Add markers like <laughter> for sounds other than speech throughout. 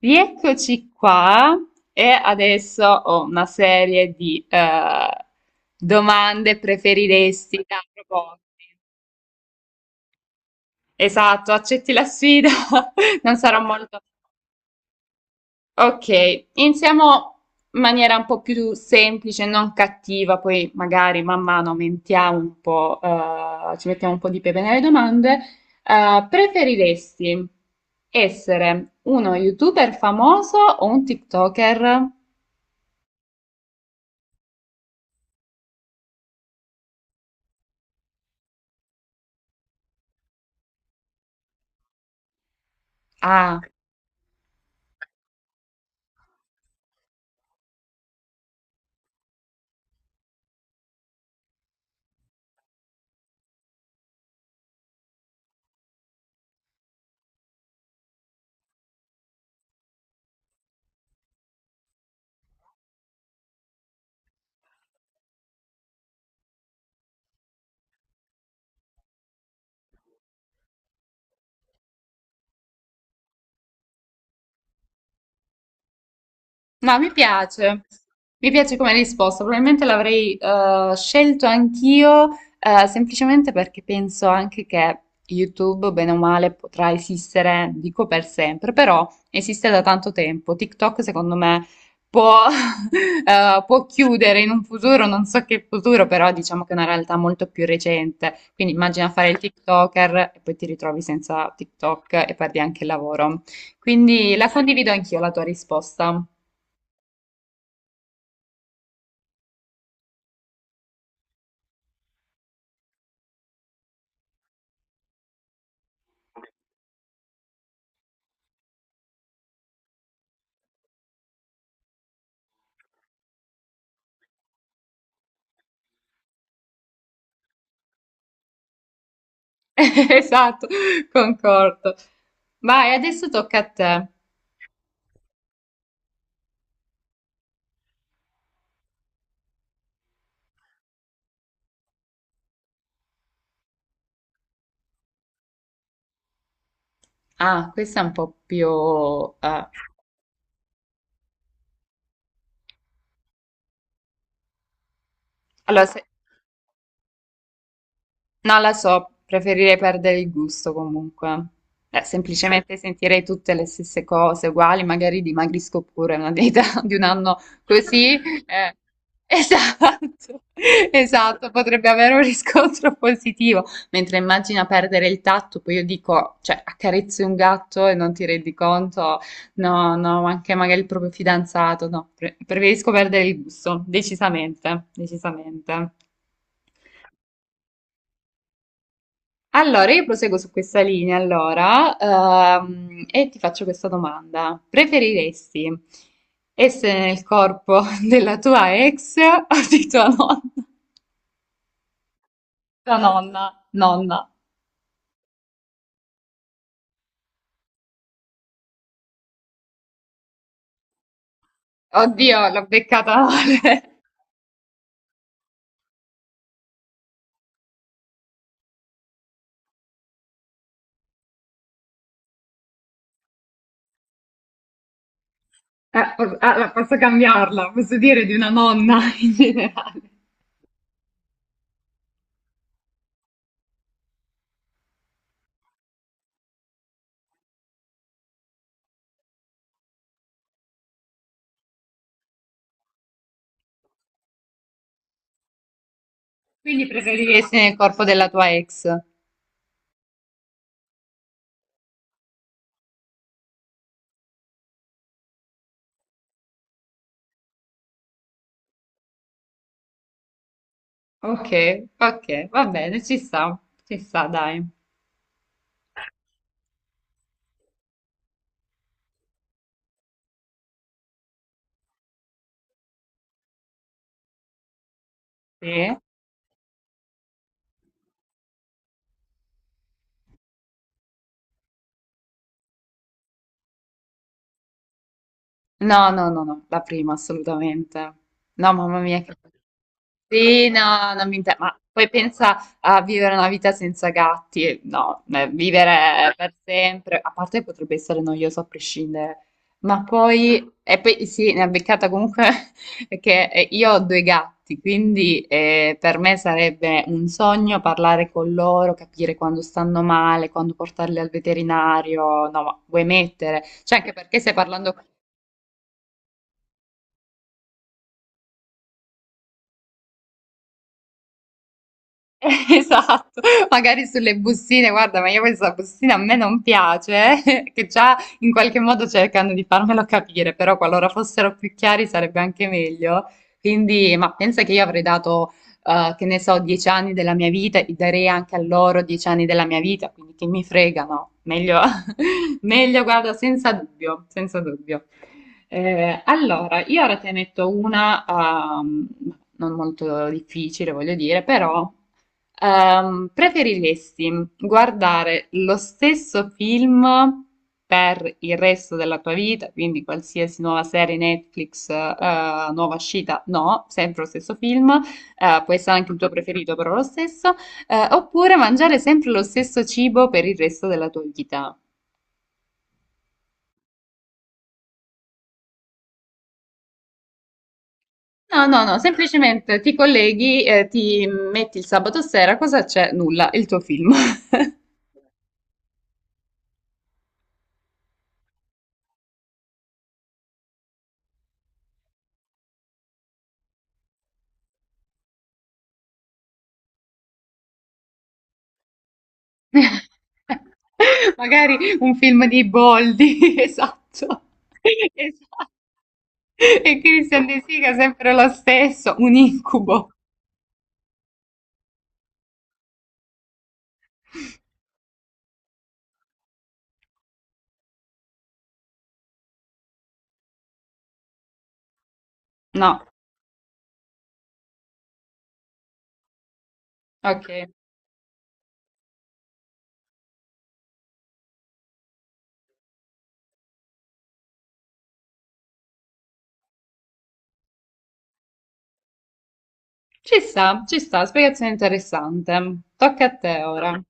Rieccoci qua e adesso ho una serie di domande, preferiresti da proporti. Esatto, accetti la sfida? <laughs> Non sarò molto... Ok, iniziamo in maniera un po' più semplice, non cattiva, poi magari man mano aumentiamo un po', ci mettiamo un po' di pepe nelle domande. Preferiresti essere uno YouTuber famoso o un TikToker? Ah. No, mi piace come risposta, probabilmente l'avrei scelto anch'io, semplicemente perché penso anche che YouTube, bene o male, potrà esistere, dico per sempre, però esiste da tanto tempo. TikTok, secondo me, può, <laughs> può chiudere in un futuro, non so che futuro, però diciamo che è una realtà molto più recente. Quindi immagina fare il TikToker e poi ti ritrovi senza TikTok e perdi anche il lavoro. Quindi la condivido anch'io la tua risposta. <laughs> Esatto, concordo. Vai, adesso tocca a te. Ah, questa è un po' più... eh. Allora, non la so, preferirei perdere il gusto comunque. Semplicemente sentirei tutte le stesse cose uguali, magari dimagrisco pure una dieta <laughs> di un anno così. eh, Esatto, <laughs> esatto, potrebbe avere un riscontro positivo. Mentre immagina perdere il tatto, poi io dico, cioè, accarezzi un gatto e non ti rendi conto, no, no, anche magari il proprio fidanzato, no, preferisco perdere il gusto, decisamente, decisamente. Allora, io proseguo su questa linea, allora, e ti faccio questa domanda. Preferiresti essere nel corpo <laughs> della tua ex o di tua nonna? Tua nonna, nonna. Oddio, l'ho beccata male. <laughs> Allora, posso cambiarla, posso dire di una nonna <laughs> in generale. Quindi preferiresti nel corpo della tua ex? Ok, ok, va bene, ci sta, dai. Sì. No, no, no, no, la prima assolutamente. No, mamma mia, che... Sì, no, non mi interessa. Ma poi pensa a vivere una vita senza gatti. No, vivere per sempre, a parte potrebbe essere noioso a prescindere. Ma poi, e poi sì, ne ha beccata comunque <laughs> che io ho due gatti, quindi per me sarebbe un sogno parlare con loro, capire quando stanno male, quando portarli al veterinario. No, ma vuoi mettere? Cioè, anche perché stai parlando. <laughs> Esatto, magari sulle bustine, guarda, ma io questa bustina a me non piace, <laughs> che già in qualche modo cercano di farmelo capire, però qualora fossero più chiari sarebbe anche meglio. Quindi, ma pensa che io avrei dato, che ne so, 10 anni della mia vita, e darei anche a loro 10 anni della mia vita, quindi che mi fregano, meglio, <laughs> meglio, guarda, senza dubbio, senza dubbio. Allora, io ora te ne metto una, non molto difficile, voglio dire, però... preferiresti guardare lo stesso film per il resto della tua vita, quindi qualsiasi nuova serie Netflix, nuova uscita, no, sempre lo stesso film, può essere anche il tuo preferito, però lo stesso, oppure mangiare sempre lo stesso cibo per il resto della tua vita? No, no, no, semplicemente ti colleghi, ti metti il sabato sera, cosa c'è? Nulla, il tuo film. <laughs> <laughs> Magari un film di Boldi, <laughs> esatto. Esatto. E Christian De Sica sempre lo stesso, un incubo. No, ok. Ci sta, spiegazione interessante. Tocca a te ora.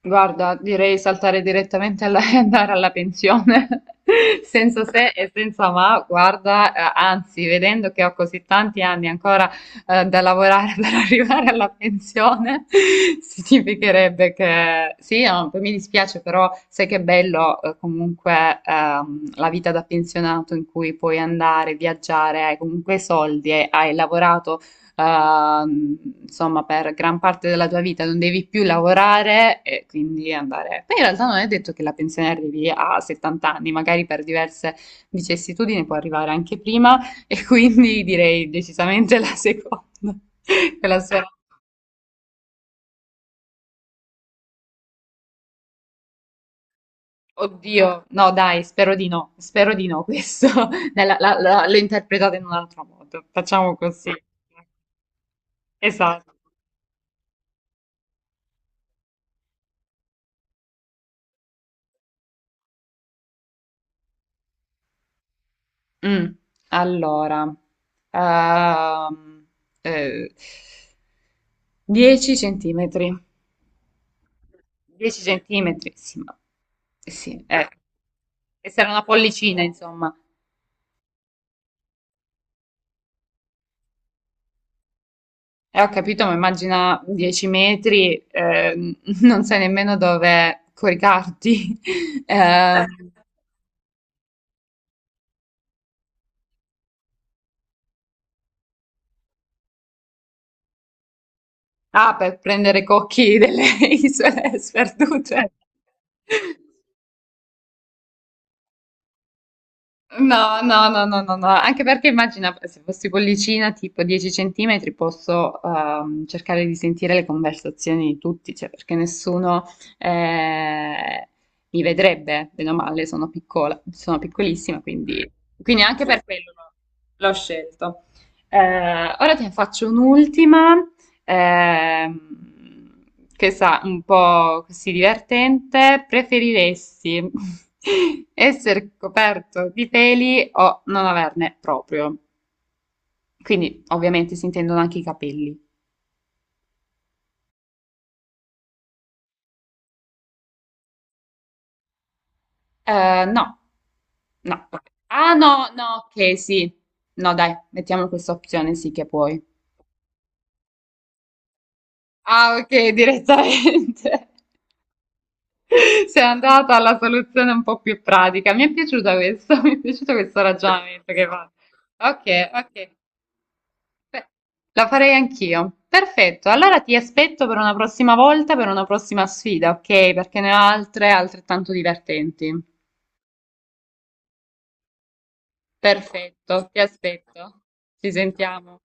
Guarda, direi saltare direttamente alla, <laughs> e andare alla pensione, <laughs> senza se e senza ma, guarda, anzi, vedendo che ho così tanti anni ancora da lavorare <laughs> per arrivare alla pensione, <laughs> significherebbe che sì, no, mi dispiace, però sai che bello comunque la vita da pensionato in cui puoi andare, viaggiare, hai comunque soldi e hai lavorato ehm, insomma, per gran parte della tua vita non devi più lavorare e quindi andare. Poi in realtà non è detto che la pensione arrivi a 70 anni, magari per diverse vicissitudini può arrivare anche prima e <laughs> quindi direi decisamente la seconda. <laughs> Che la speranza. Oddio, no, dai, spero di no questo. <laughs> Dai, l'ho interpretata in un altro modo. Facciamo così. Esatto. Mm, allora, ehm, eh, 10 centimetri. 10 centimetri, sì, ma sì, e sarà una pollicina, insomma. Ho capito, ma immagina 10 metri, <laughs> non sai nemmeno dove coricarti. <laughs> Ehm, ah, per prendere cocchi delle <laughs> isole sperdute. No, no, no, no, no, no, anche perché immagina se fossi pollicina tipo 10 centimetri posso cercare di sentire le conversazioni di tutti, cioè perché nessuno eh, mi vedrebbe, bene o male, sono piccola, sono piccolissima, quindi, quindi anche per quello l'ho scelto. Eh, ora ti ne faccio un'ultima. Ehm, questa un po' così divertente. Preferiresti <laughs> essere coperto di peli o non averne proprio? Quindi, ovviamente, si intendono anche i capelli. No, no. Ah, no, no, ok, sì. No, dai, mettiamo questa opzione, sì che puoi. Ah, ok, direttamente. <laughs> <laughs> Sei andata alla soluzione un po' più pratica. Mi è piaciuta questo, <laughs> mi è piaciuto questo ragionamento che fa. Ok, ok. Beh, la farei anch'io. Perfetto. Allora ti aspetto per una prossima volta, per una prossima sfida, ok? Perché ne ho altre altrettanto divertenti. Perfetto, ti aspetto. Ci sentiamo.